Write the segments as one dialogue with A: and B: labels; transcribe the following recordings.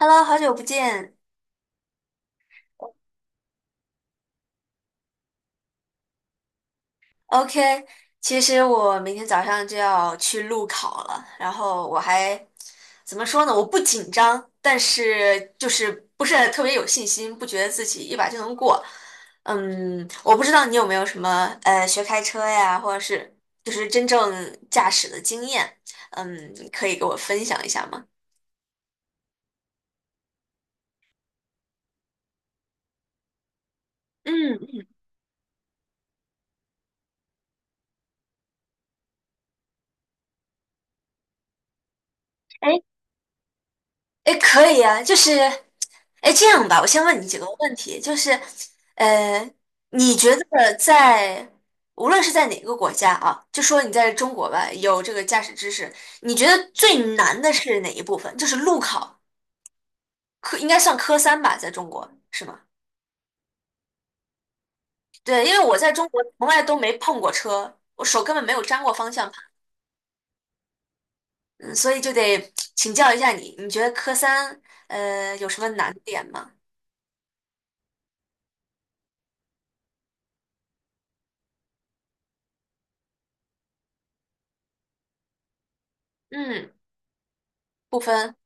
A: Hello，好久不见。OK，其实我明天早上就要去路考了，然后我还怎么说呢？我不紧张，但是就是不是特别有信心，不觉得自己一把就能过。嗯，我不知道你有没有什么学开车呀，或者是就是真正驾驶的经验，嗯，可以给我分享一下吗？嗯，哎，哎，可以啊，就是，哎，这样吧，我先问你几个问题，就是，呃，你觉得在无论是在哪个国家啊，就说你在中国吧，有这个驾驶知识，你觉得最难的是哪一部分？就是路考，科应该算科三吧，在中国是吗？对，因为我在中国从来都没碰过车，我手根本没有沾过方向盘，嗯，所以就得请教一下你，你觉得科三有什么难点吗？嗯，不分。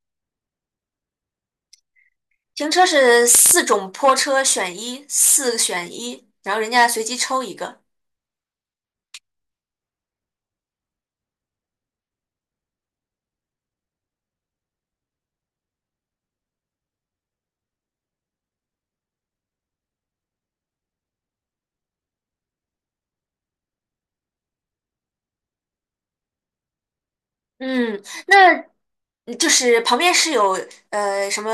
A: 停车是四种坡车选一，四选一，然后人家随机抽一个。嗯，那就是旁边是有什么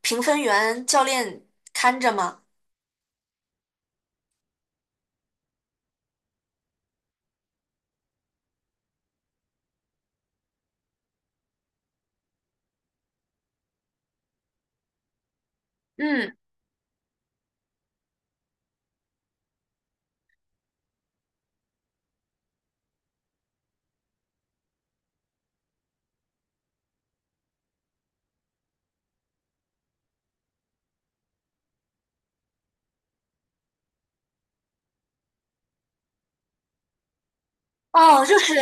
A: 评分员、教练看着吗？嗯，哦，就是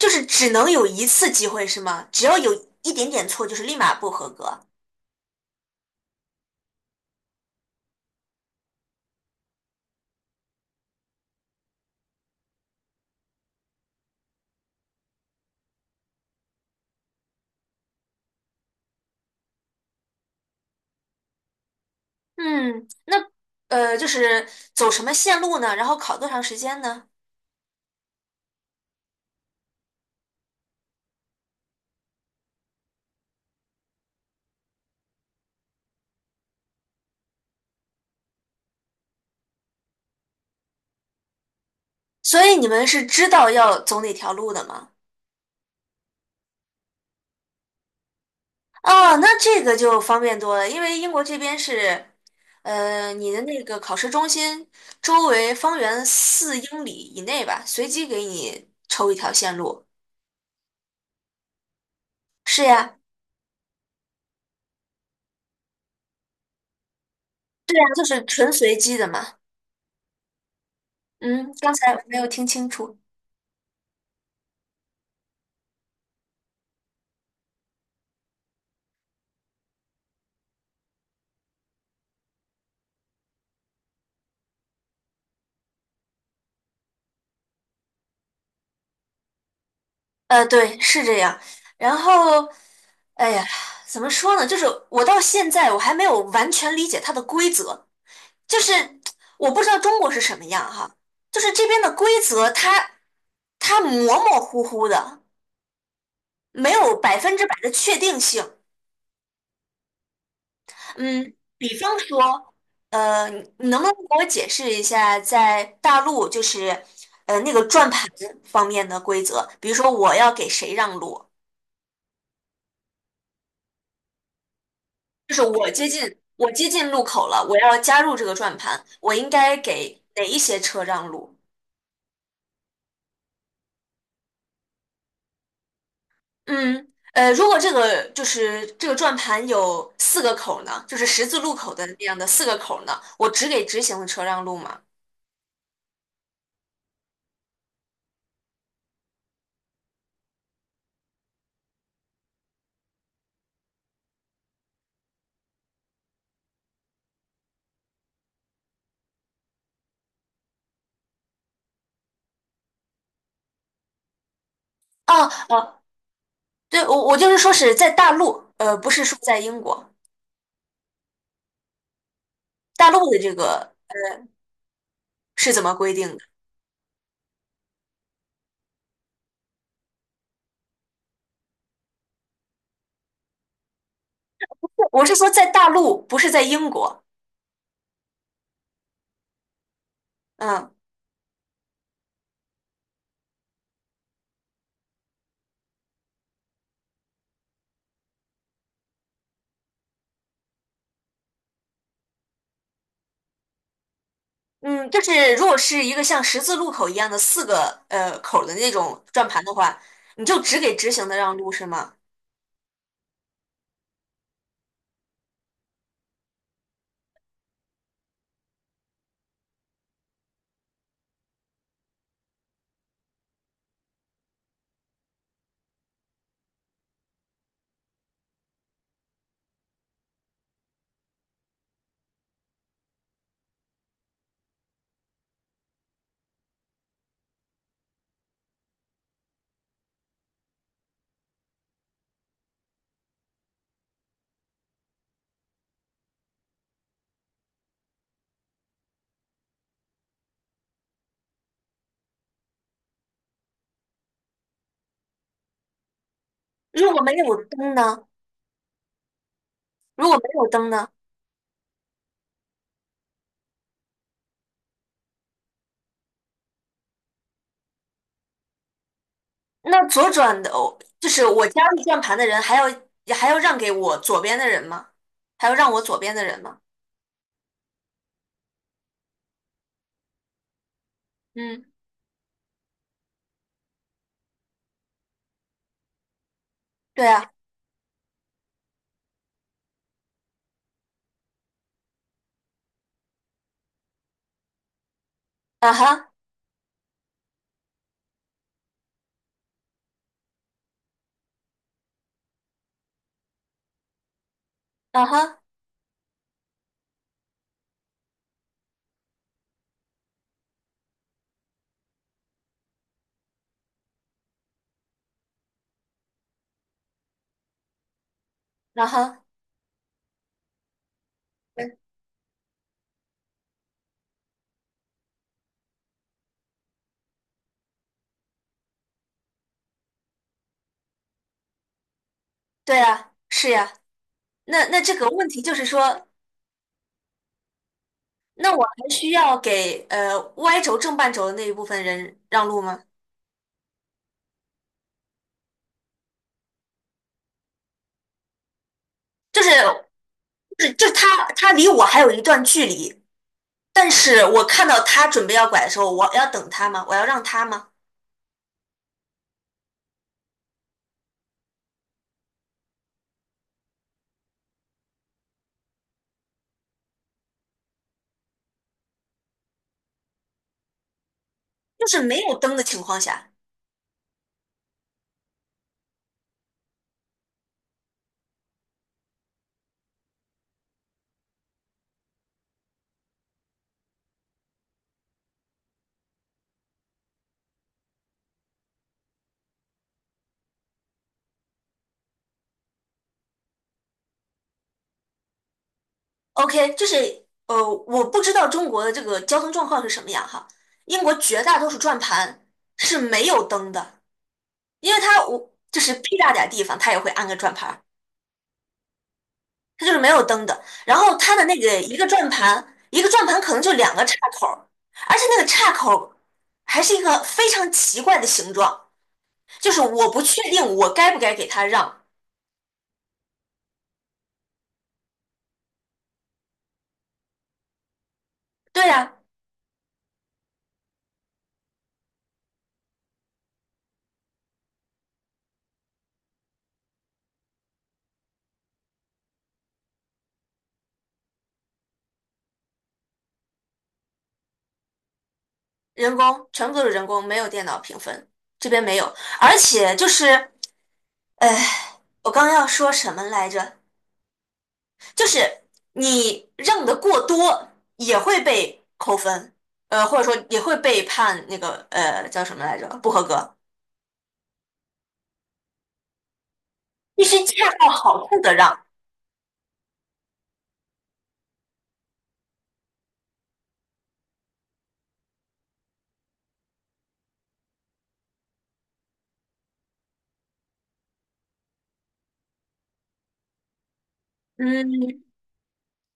A: 就是只能有一次机会是吗？只要有一点点错，就是立马不合格。嗯，那就是走什么线路呢？然后考多长时间呢？所以你们是知道要走哪条路的吗？哦，那这个就方便多了，因为英国这边是，你的那个考试中心周围方圆4 英里以内吧，随机给你抽一条线路。是呀，对呀，就是纯随机的嘛。嗯，刚才我没有听清楚。对，是这样。然后，哎呀，怎么说呢？就是我到现在我还没有完全理解它的规则。就是我不知道中国是什么样哈，就是这边的规则它模模糊糊的，没有百分之百的确定性。嗯，比方说，呃，你能不能给我解释一下，在大陆就是那个转盘方面的规则？比如说我要给谁让路，就是我接近路口了，我要加入这个转盘，我应该给哪一些车让路？嗯，如果这个就是这个转盘有四个口儿呢，就是十字路口的那样的四个口儿呢，我只给直行的车让路吗？哦哦，对，我就是说是在大陆，不是说在英国，大陆的这个是怎么规定的？我是说在大陆，不是在英国。嗯嗯，就是如果是一个像十字路口一样的四个口儿的那种转盘的话，你就只给直行的让路是吗？如果没有灯呢？如果没有灯呢？那左转的，哦就是我加入转盘的人，还要让给我左边的人吗？还要让我左边的人吗？嗯，对啊，啊哈，啊哈，啊哈，对对啊，是呀。那这个问题就是说，那我还需要给Y 轴正半轴的那一部分人让路吗？就是就是他离我还有一段距离，但是我看到他准备要拐的时候，我要等他吗？我要让他吗？就是没有灯的情况下。OK，就是我不知道中国的这个交通状况是什么样哈。英国绝大多数转盘是没有灯的，因为它我就是屁大点儿地方，它也会安个转盘儿，它就是没有灯的。然后它的那个一个转盘，一个转盘可能就两个岔口儿而且那个岔口儿还是一个非常奇怪的形状，就是我不确定我该不该给它让。对呀，人工，全部都是人工，没有电脑评分，这边没有，而且就是。哎，我刚要说什么来着？就是你让的过多也会被扣分，或者说也会被判那个叫什么来着？不合格。必须恰到好处的让，嗯，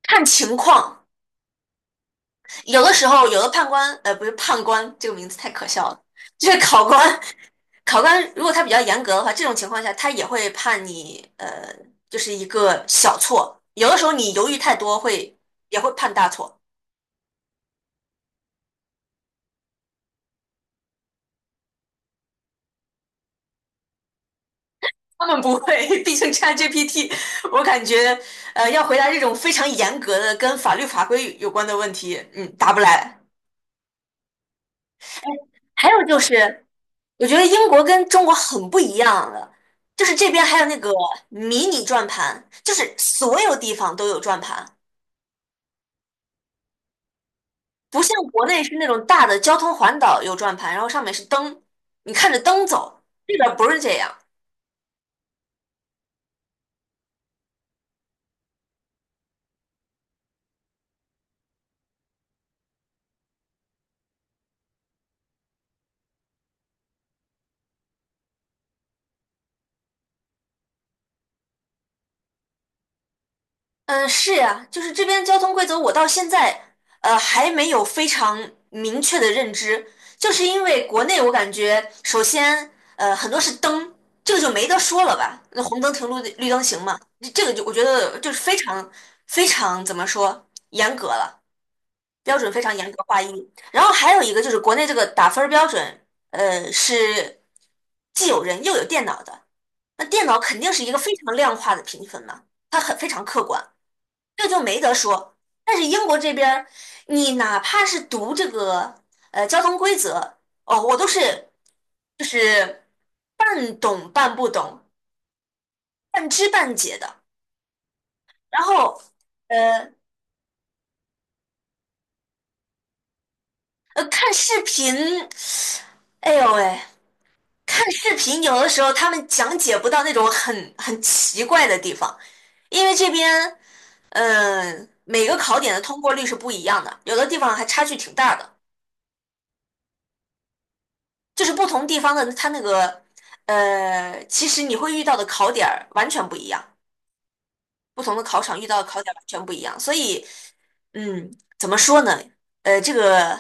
A: 看情况。有的时候，有的判官，不是判官这个名字太可笑了，就是考官。考官如果他比较严格的话，这种情况下他也会判你，就是一个小错。有的时候你犹豫太多会也会判大错。他们不会，毕竟 ChatGPT，我感觉要回答这种非常严格的跟法律法规有关的问题，嗯，答不来。还有就是，我觉得英国跟中国很不一样的，就是这边还有那个迷你转盘，就是所有地方都有转盘，不像国内是那种大的交通环岛有转盘，然后上面是灯，你看着灯走，这边不是这样。嗯，是呀，就是这边交通规则，我到现在还没有非常明确的认知，就是因为国内我感觉，首先很多是灯，这个就没得说了吧，那红灯停绿灯行嘛，这个就我觉得就是非常非常怎么说严格了，标准非常严格划一。然后还有一个就是国内这个打分儿标准，是既有人又有电脑的，那电脑肯定是一个非常量化的评分嘛，它很非常客观。这就没得说。但是英国这边儿，你哪怕是读这个交通规则，哦，我都是就是半懂半不懂，半知半解的。然后呃看视频，哎呦喂，看视频有的时候他们讲解不到那种很奇怪的地方，因为这边每个考点的通过率是不一样的，有的地方还差距挺大的。就是不同地方的它那个其实你会遇到的考点儿完全不一样，不同的考场遇到的考点儿完全不一样，所以嗯，怎么说呢？这个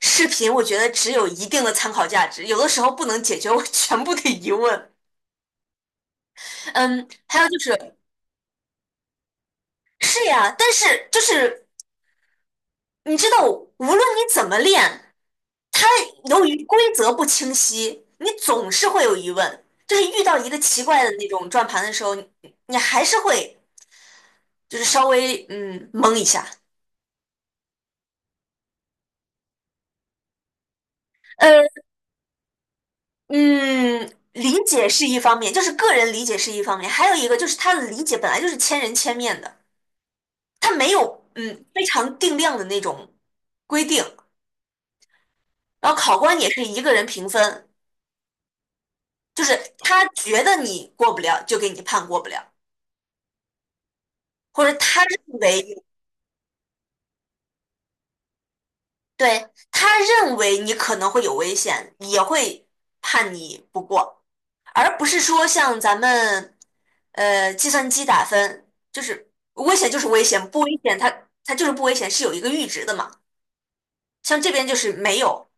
A: 视频我觉得只有一定的参考价值，有的时候不能解决我全部的疑问。嗯，还有就是是呀，但是就是你知道，无论你怎么练，它由于规则不清晰，你总是会有疑问。就是遇到一个奇怪的那种转盘的时候，你还是会就是稍微懵一下。呃嗯，理解是一方面，就是个人理解是一方面，还有一个就是他的理解本来就是千人千面的，他没有非常定量的那种规定。然后考官也是一个人评分，就是他觉得你过不了，就给你判过不了。或者他认为，对，他认为你可能会有危险，也会判你不过，而不是说像咱们计算机打分，就是危险就是危险，不危险它就是不危险，是有一个阈值的嘛。像这边就是没有，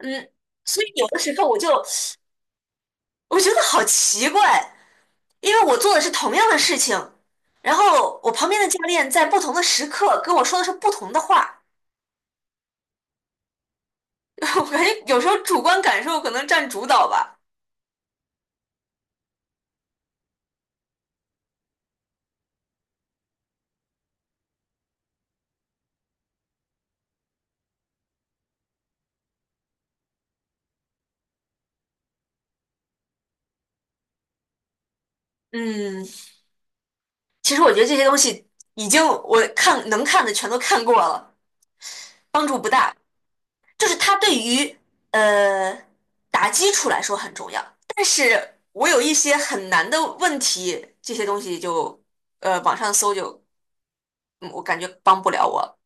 A: 嗯，所以有的时候我觉得好奇怪，因为我做的是同样的事情，然后我旁边的教练在不同的时刻跟我说的是不同的话。我感觉有时候主观感受可能占主导吧。嗯，其实我觉得这些东西已经我看能看的全都看过了，帮助不大。就是它对于呃打基础来说很重要，但是我有一些很难的问题，这些东西就网上搜就，我感觉帮不了我。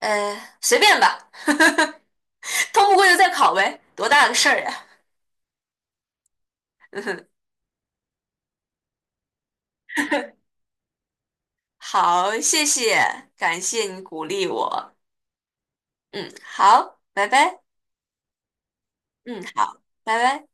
A: 随便吧，通不过就再考呗，多大个事儿呀、嗯 好，谢谢，感谢你鼓励我。嗯，好，拜拜。嗯，好，拜拜。